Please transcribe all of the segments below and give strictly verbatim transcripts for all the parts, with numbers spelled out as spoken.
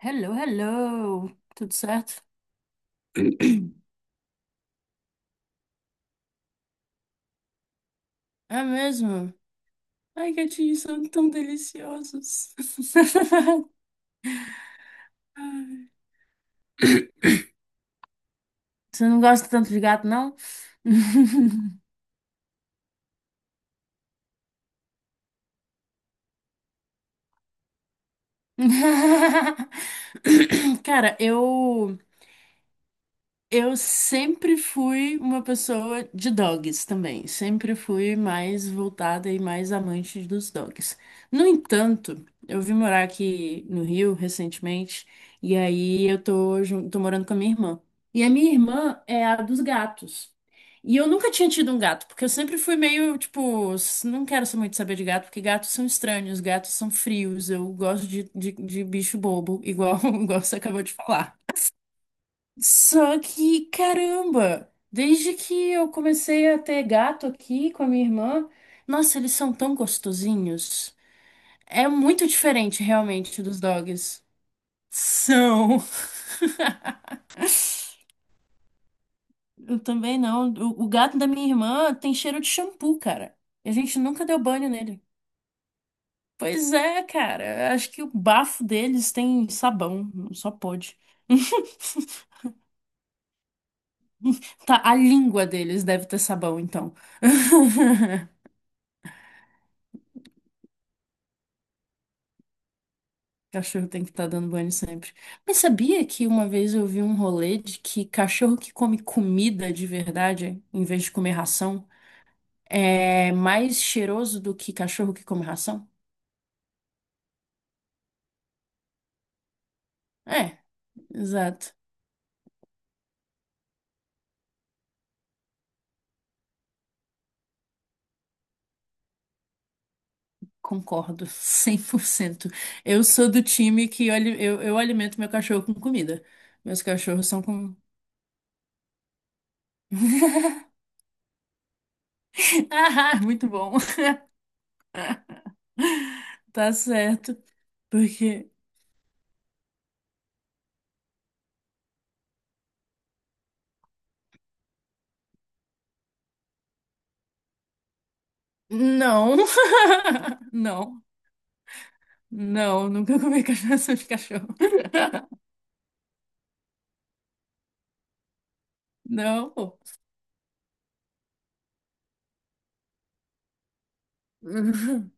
Hello, hello! Tudo certo? É mesmo? Ai, gatinhos são tão deliciosos. Ai. Você não gosta tanto de gato, não? Cara, eu. Eu sempre fui uma pessoa de dogs também. Sempre fui mais voltada e mais amante dos dogs. No entanto, eu vim morar aqui no Rio recentemente e aí eu tô, jun- tô morando com a minha irmã. E a minha irmã é a dos gatos. E eu nunca tinha tido um gato, porque eu sempre fui meio, tipo, s- não quero só muito saber de gato, porque gatos são estranhos, gatos são frios, eu gosto de, de, de bicho bobo, igual, igual você acabou de falar. Só que, caramba, desde que eu comecei a ter gato aqui com a minha irmã, nossa, eles são tão gostosinhos. É muito diferente realmente dos dogs. São. Eu também não. O, o gato da minha irmã tem cheiro de shampoo, cara. E a gente nunca deu banho nele. Pois é, cara. Acho que o bafo deles tem sabão. Só pode. Tá, a língua deles deve ter sabão, então. Cachorro tem que estar dando banho sempre. Mas sabia que uma vez eu vi um rolê de que cachorro que come comida de verdade, em vez de comer ração, é mais cheiroso do que cachorro que come ração? É, exato. Concordo, cem por cento. Eu sou do time que olhe- eu, eu alimento meu cachorro com comida. Meus cachorros são com. Ah, muito bom. Tá certo. Porque. Não. Não. Não, nunca comi cachaça de cachorro. Não. Uhum.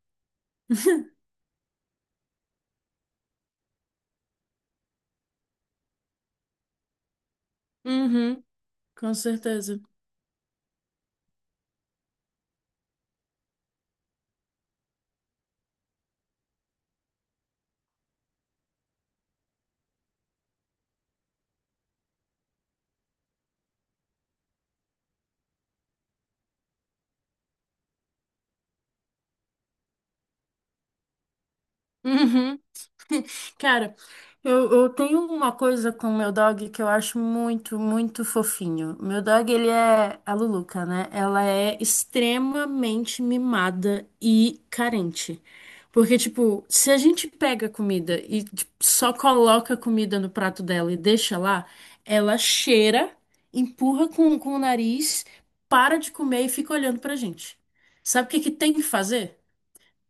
Uhum, com certeza. Uhum. Cara, eu, eu tenho uma coisa com o meu dog que eu acho muito, muito fofinho. Meu dog, ele é a Luluca, né? Ela é extremamente mimada e carente. Porque, tipo, se a gente pega comida e tipo, só coloca comida no prato dela e deixa lá, ela cheira, empurra com, com o nariz, para de comer e fica olhando pra gente. Sabe o que que tem que fazer?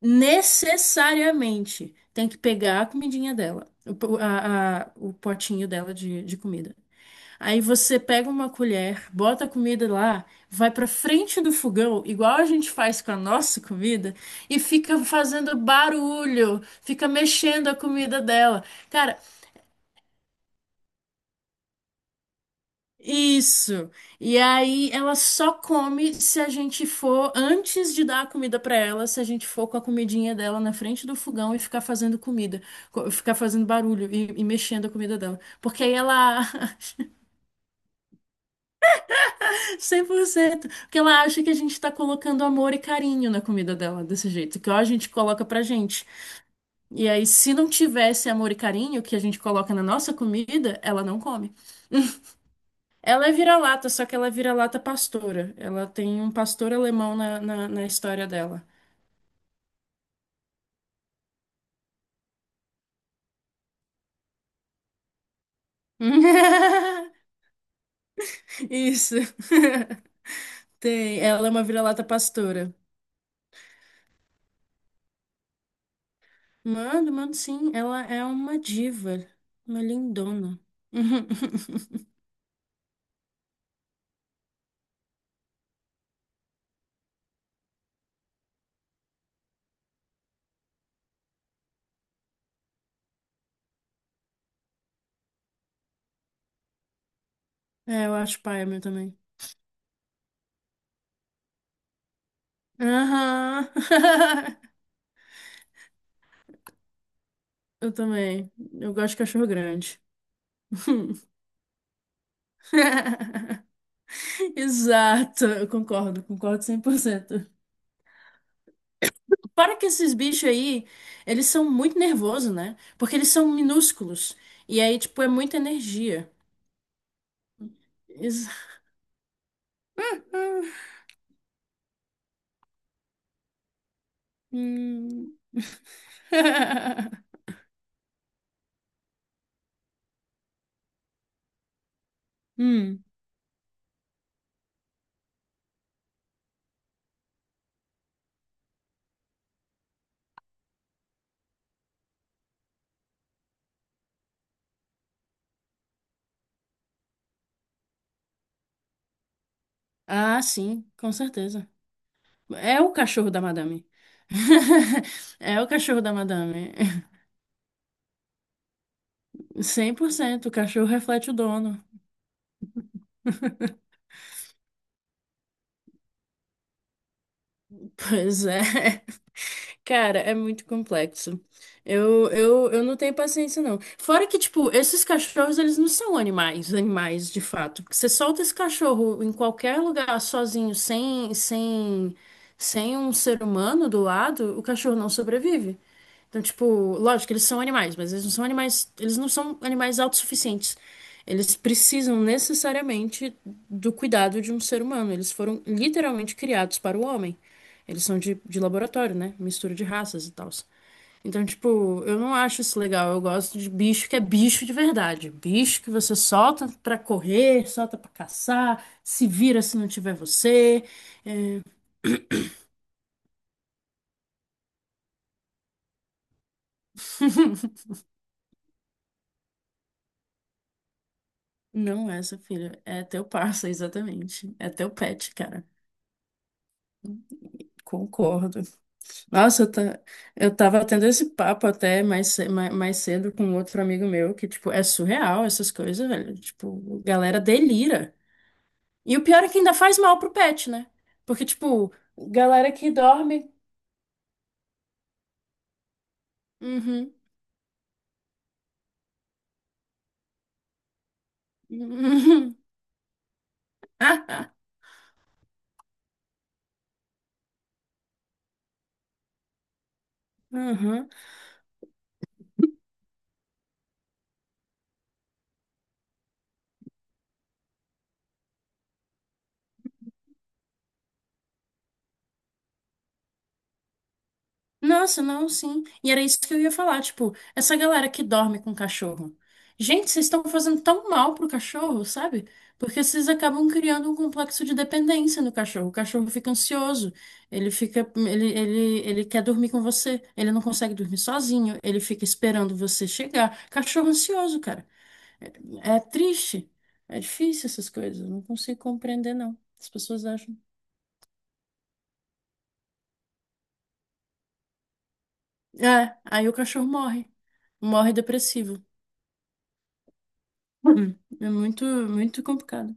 Necessariamente tem que pegar a comidinha dela, o, po- a- a- o potinho dela de, de comida. Aí você pega uma colher, bota a comida lá, vai pra frente do fogão, igual a gente faz com a nossa comida, e fica fazendo barulho, fica mexendo a comida dela. Cara, Isso. E aí ela só come se a gente for, antes de dar a comida pra ela, se a gente for com a comidinha dela na frente do fogão e ficar fazendo comida, co- ficar fazendo barulho e, e mexendo a comida dela. Porque aí ela cem por cento, porque ela acha que a gente tá colocando amor e carinho na comida dela desse jeito, que ó, a gente coloca pra gente. E aí se não tivesse amor e carinho que a gente coloca na nossa comida, ela não come. Ela é vira-lata, só que ela é vira-lata pastora. Ela tem um pastor alemão na, na, na história dela. Isso. Tem. Ela é uma vira-lata pastora. Mano, mano, sim. Ela é uma diva. Uma lindona. É, eu acho paia meu também. Aham. Eu também. Eu gosto de cachorro grande. Exato. Eu concordo, concordo cem por cento. Para que esses bichos aí, eles são muito nervosos, né? Porque eles são minúsculos. E aí, tipo, é muita energia. Ex- Hum. Hum. Ah, sim, com certeza. É o cachorro da madame. É o cachorro da madame. Cem por cento o cachorro reflete o dono. Pois é. Cara, é muito complexo. Eu, eu, eu não tenho paciência, não. Fora que, tipo, esses cachorros, eles não são animais, animais de fato. Porque você solta esse cachorro em qualquer lugar sozinho, sem, sem, sem um ser humano do lado, o cachorro não sobrevive. Então, tipo, lógico, eles são animais, mas eles não são animais, eles não são animais autossuficientes. Eles precisam necessariamente do cuidado de um ser humano. Eles foram literalmente criados para o homem. Eles são de, de laboratório, né? Mistura de raças e tal. Então, tipo, eu não acho isso legal. Eu gosto de bicho que é bicho de verdade. Bicho que você solta pra correr, solta pra caçar, se vira se não tiver você. Não é, seu filho. É teu parça, exatamente. É teu pet, cara. Concordo. Nossa, eu, ta- eu tava tendo esse papo até mais, ce- ma- mais cedo com outro amigo meu, que, tipo, é surreal essas coisas, velho. Tipo, galera delira. E o pior é que ainda faz mal pro pet, né? Porque, tipo, galera que dorme. Uhum. Uhum. Uhum. Nossa, não, sim. E era isso que eu ia falar, tipo, essa galera que dorme com cachorro. Gente, vocês estão fazendo tão mal pro cachorro, sabe? Porque vocês acabam criando um complexo de dependência no cachorro. O cachorro fica ansioso, ele fica, ele, ele, ele quer dormir com você, ele não consegue dormir sozinho, ele fica esperando você chegar. Cachorro ansioso, cara. É triste. É difícil essas coisas, eu não consigo compreender, não. As pessoas acham. É, aí o cachorro morre. Morre depressivo. Hum, é muito, muito complicado.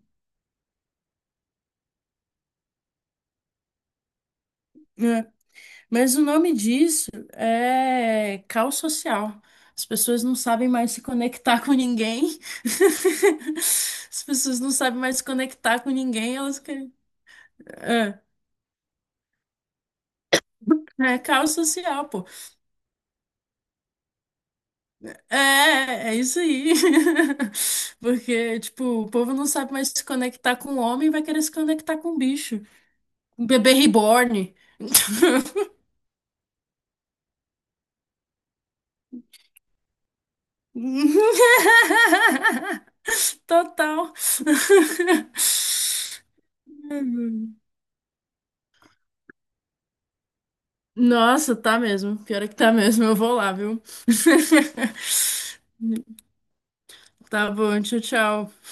É. Mas o nome disso é caos social. As pessoas não sabem mais se conectar com ninguém. As pessoas não sabem mais se conectar com ninguém, elas querem. É, é caos social, pô. É, é isso aí. Porque, tipo, o povo não sabe mais se conectar com o homem, vai querer se conectar com o bicho. Um bebê reborn. Total. Nossa, tá mesmo. Pior é que tá mesmo. Eu vou lá, viu? Tá bom, tchau, tchau.